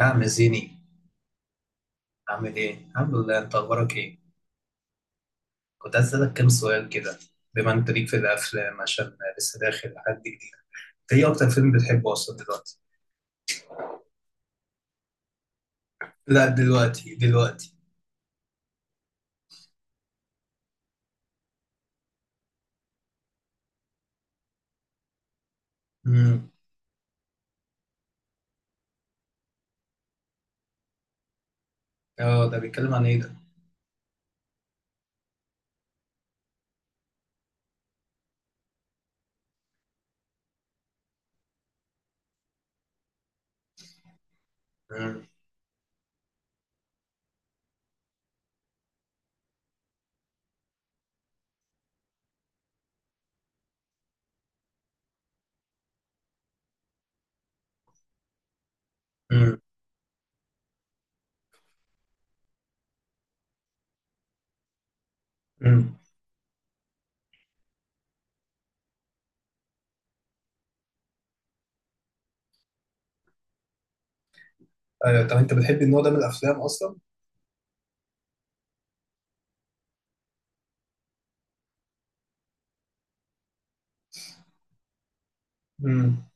يا عم زيني، عامل ايه؟ الحمد لله. انت اخبارك ايه؟ كنت عايز اسألك كام سؤال كده، بما انت ليك في الافلام عشان لسه داخل حد جديد. ايه اكتر فيلم بتحبه اصلا دلوقتي؟ لا، دلوقتي دلوقتي. امم. اه، ده بيتكلم عن ايه ده؟ امم. امم. امم. ايوه، طب انت بتحب النوع ده من الافلام اصلا؟ امم.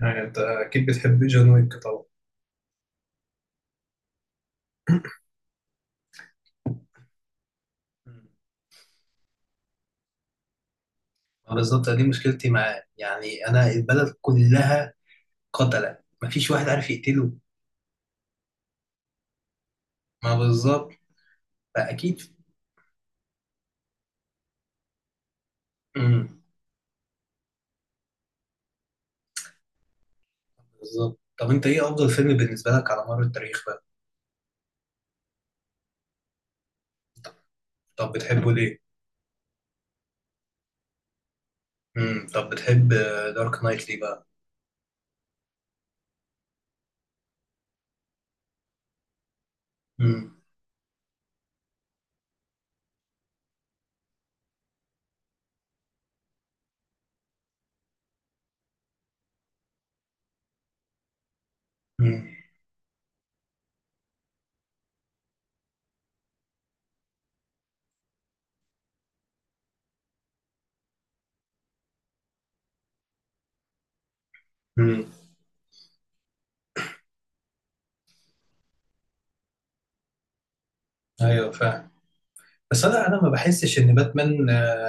يعني انت اكيد بتحب جون ويك طبعا. مم. بالظبط، دي مشكلتي معاه. يعني انا البلد كلها قتلة، مفيش واحد عارف يقتله. ما بالظبط. فاكيد. مم. بالظبط. طب انت ايه افضل فيلم بالنسبه لك على مر التاريخ بقى؟ طب بتحبه ليه؟ طب بتحب دارك نايت ليه بقى؟ امم. امم. امم. ايوه فاهم. بس انا ما بحسش ان باتمان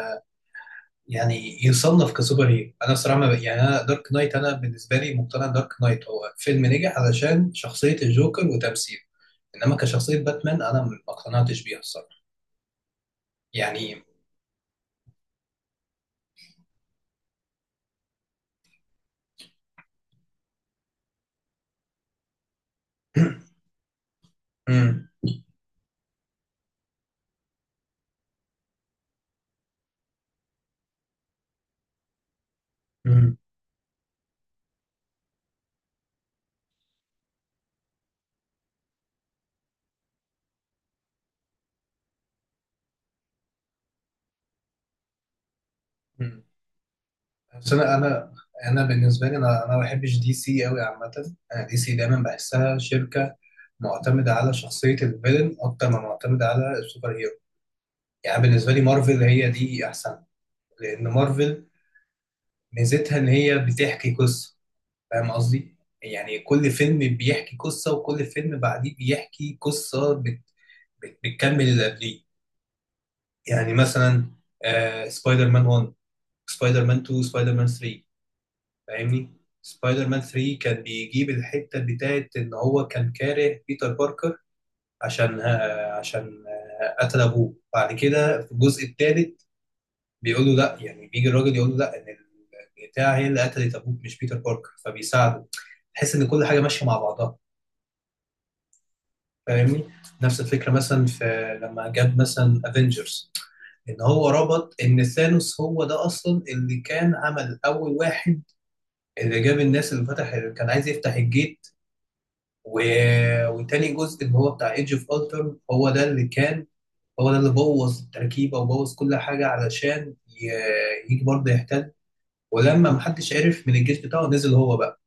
يعني يصنف كسوبر هيرو. انا صراحه ما ب... يعني، انا بالنسبه لي مقتنع دارك نايت هو فيلم نجح علشان شخصيه الجوكر وتمثيله. انما كشخصيه باتمان انا ما اقتنعتش بيها الصراحه، يعني. امم امم بس انا بالنسبه لي انا ما بحبش دي سي قوي عامه. انا دي سي دايما بحسها شركه معتمده على شخصيه الفيلن اكتر ما معتمده على السوبر هيرو. يعني بالنسبه لي مارفل هي دي احسن، لان مارفل ميزتها ان هي بتحكي قصه. فاهم قصدي؟ يعني كل فيلم بيحكي قصه، وكل فيلم بعديه بيحكي قصه بت بت بتكمل اللي قبليه. يعني مثلا، سبايدر مان 1، سبايدر مان 2، سبايدر مان 3. فاهمني؟ سبايدر مان 3 كان بيجيب الحتة بتاعت ان هو كان كاره بيتر باركر، عشان قتل ابوه بعد كده في الجزء الثالث. بيقول له لا، يعني بيجي الراجل يقول له لا، ان البتاع هي اللي قتلت ابوك مش بيتر باركر، فبيساعده. تحس ان كل حاجة ماشية مع بعضها. فاهمني؟ نفس الفكرة مثلا في، لما جاب مثلا افنجرز، ان هو ربط ان ثانوس هو ده اصلا اللي كان عمل اول واحد، اللي جاب الناس، اللي فتح، اللي كان عايز يفتح الجيت. و... وتاني جزء اللي هو بتاع ايدج اوف التر، هو ده اللي بوظ التركيبه وبوظ كل حاجه، علشان يجي برضه يحتل. ولما محدش عرف من الجيش بتاعه، نزل هو بقى.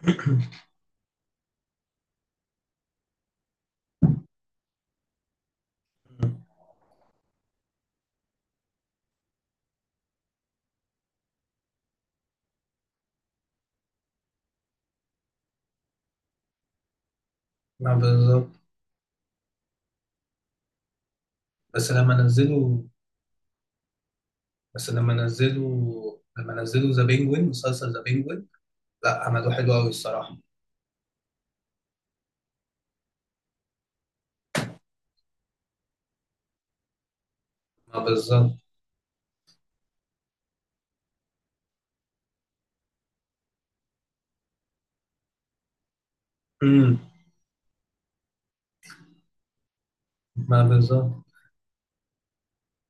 ما بالظبط. بس لما نزلوا بس لما نزلوا لما نزلوا ذا بينجوين، مسلسل ذا بينجوين، لا عملوه حلو قوي الصراحه. ما بالظبط. امم ما بالظبط.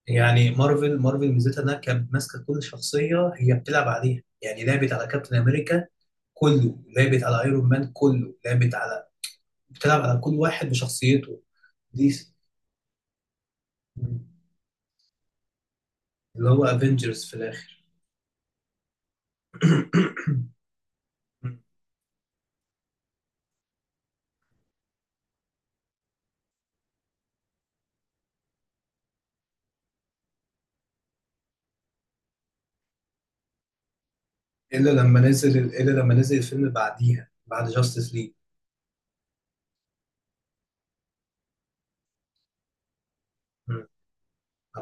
يعني مارفل ميزتها انها كانت ماسكه كل شخصيه هي بتلعب عليها. يعني لعبت على كابتن امريكا كله، لعبت على ايرون مان كله، لعبت على بتلعب على كل واحد بشخصيته. دي س- اللي هو افنجرز في الاخر. الا لما نزل الفيلم اللي بعديها بعد جاستس ليج.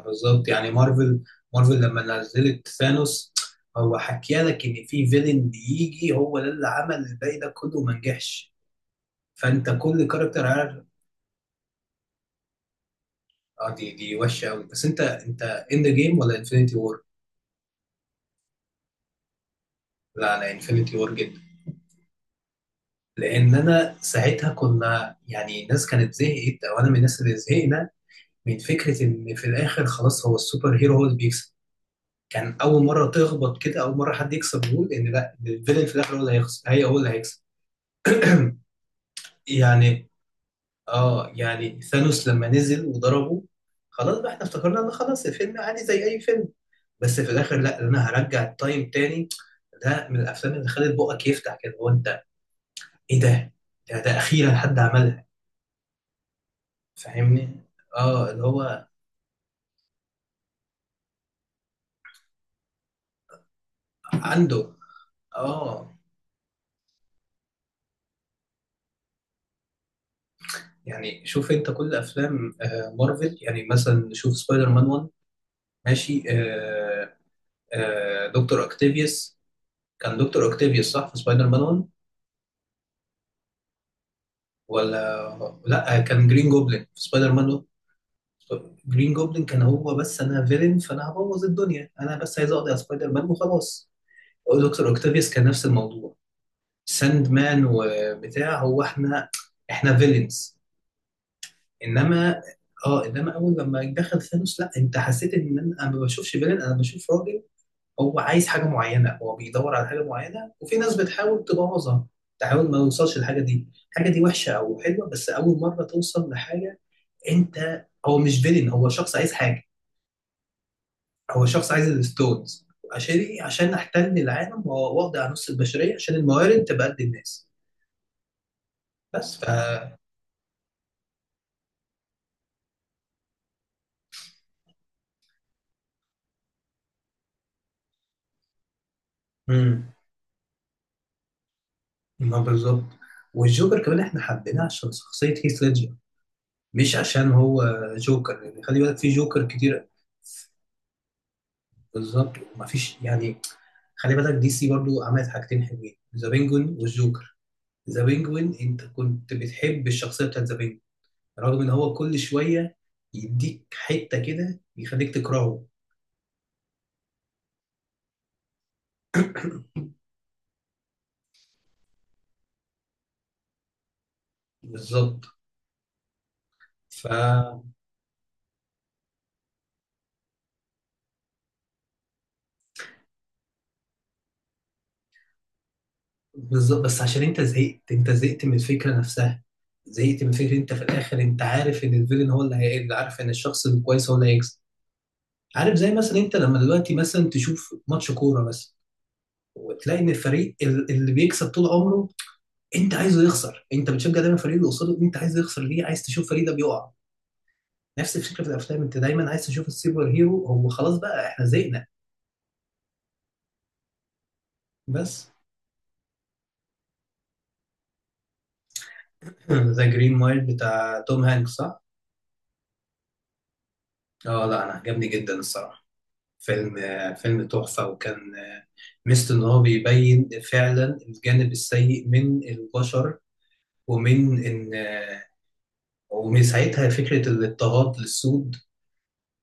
بالظبط. يعني مارفل لما نزلت ثانوس، هو حكي لك ان في فيلن بيجي هو ده اللي عمل الباقي ده كله وما نجحش. فانت كل كاركتر عارف. اه، دي وحشه قوي. بس انت، اند جيم ولا انفينيتي وور؟ لا، انا انفينيتي وور. لان انا ساعتها كنا، يعني الناس كانت زهقت، او انا من الناس اللي زهقنا من فكره ان في الاخر خلاص هو السوبر هيرو هو اللي بيكسب. كان اول مره تخبط كده. اول مره حد يكسب يقول ان لا، ده الفيلن في الاخر هو اللي هيخسر، هو اللي هيكسب. يعني ثانوس لما نزل وضربه، خلاص بقى احنا افتكرنا ان خلاص الفيلم عادي زي اي فيلم. بس في الاخر لا، انا هرجع التايم تاني. ده من الافلام اللي خلت بقك يفتح كده. هو انت، ايه ده؟ اخيرا حد عملها. فاهمني؟ اه اللي هو عنده اه يعني شوف انت كل افلام مارفل. يعني مثلا، شوف سبايدر مان 1. ماشي. دكتور اكتيفيوس. كان دكتور اكتيفيوس صح في سبايدر مان 1؟ ولا لا، كان جرين جوبلin في سبايدر مان 1. جرين جوبلin كان هو، بس انا فيلن فانا هبوظ الدنيا، انا بس عايز اقضي على سبايدر مان وخلاص. دكتور اكتيفيوس كان نفس الموضوع، ساند مان وبتاع. هو احنا فيلنز. انما، اه انما اول لما دخل ثانوس، لا، انت حسيت ان أنا ما بشوفش فيلن. انا بشوف راجل هو عايز حاجه معينه، هو بيدور على حاجه معينه، وفي ناس بتحاول تبوظها، تحاول ما يوصلش للحاجه دي. الحاجه دي وحشه او حلوه، بس اول مره توصل لحاجه انت هو مش فيلن، هو شخص عايز حاجه. هو شخص عايز الستونز. عشان إيه؟ عشان احتل العالم واقضي على نص البشريه، عشان الموارد تبقى قد الناس. بس. ف امم ما بالظبط. والجوكر كمان احنا حبيناه عشان شخصيه هيث ليدجر، مش عشان هو جوكر. يعني خلي بالك، في جوكر كتير. بالظبط، مفيش يعني. خلي بالك، دي سي برضو عملت حاجتين حلوين: ذا بينجوين والجوكر. ذا بينجوين، انت كنت بتحب الشخصيه بتاعت ذا بينجوين رغم ان هو كل شويه يديك حته كده يخليك تكرهه. بالظبط. ف بالظبط، بس عشان انت زهقت. انت زهقت من الفكره نفسها. زهقت من فكره انت في الاخر انت عارف ان الفيلن هو اللي هيقل، عارف ان الشخص الكويس هو اللي هيكسب. عارف، زي مثلا انت لما دلوقتي مثلا تشوف ماتش كوره مثلا، وتلاقي ان الفريق اللي بيكسب طول عمره، انت عايزه يخسر. انت بتشجع دايما الفريق اللي قصاده، انت عايزه يخسر. ليه عايز تشوف الفريق ده بيقع؟ نفس الفكره في الافلام، انت دايما عايز تشوف السوبر هيرو هو، خلاص بقى احنا زهقنا. بس. ذا جرين مايل بتاع توم هانكس، صح؟ اه لا، انا عجبني جدا الصراحه. فيلم تحفه. وكان، ميزته ان هو بيبين فعلا الجانب السيء من البشر. ومن ان ومن ساعتها فكرة الاضطهاد للسود.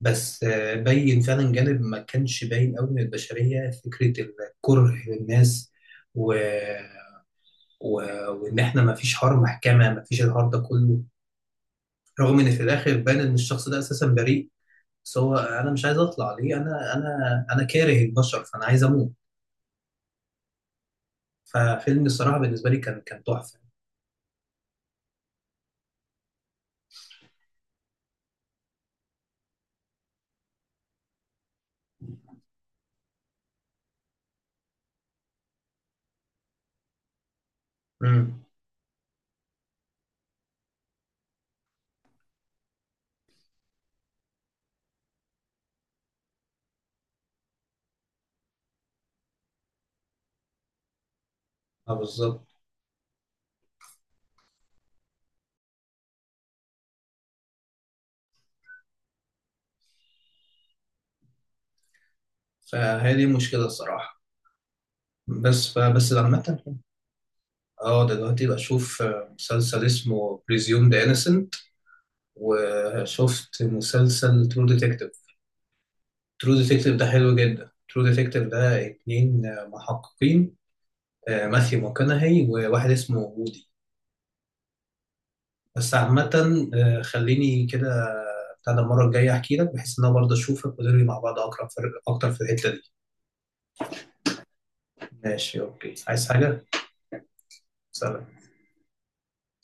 بس بين فعلا جانب ما كانش باين قوي من البشرية، فكرة الكره للناس. و... و... وإن إحنا ما فيش حوار محكمة، ما فيش الحوار ده كله، رغم إن في الآخر بان إن الشخص ده أساسا بريء. بس هو أنا مش عايز أطلع ليه. أنا كاره البشر، فأنا عايز أموت. ففيلم الصراحة بالنسبة لي كان تحفة. امم. اه، بالظبط. فهي دي المشكلة الصراحة. بس فبس عامة. اه، دلوقتي بشوف مسلسل اسمه بريزيوم ذا انسنت، وشفت مسلسل ترو ديتكتيف. ترو ديتكتيف ده حلو جدا. ترو ديتكتيف ده 2 محققين: ماثيو ماكونهي وواحد اسمه وودي. بس عامة، خليني كده. بتاع ده المرة الجاية احكي لك، بحيث ان انا برضه اشوفك ونروي مع بعض اقرب اكتر في الحتة دي. ماشي، اوكي. عايز حاجة؟ سلام.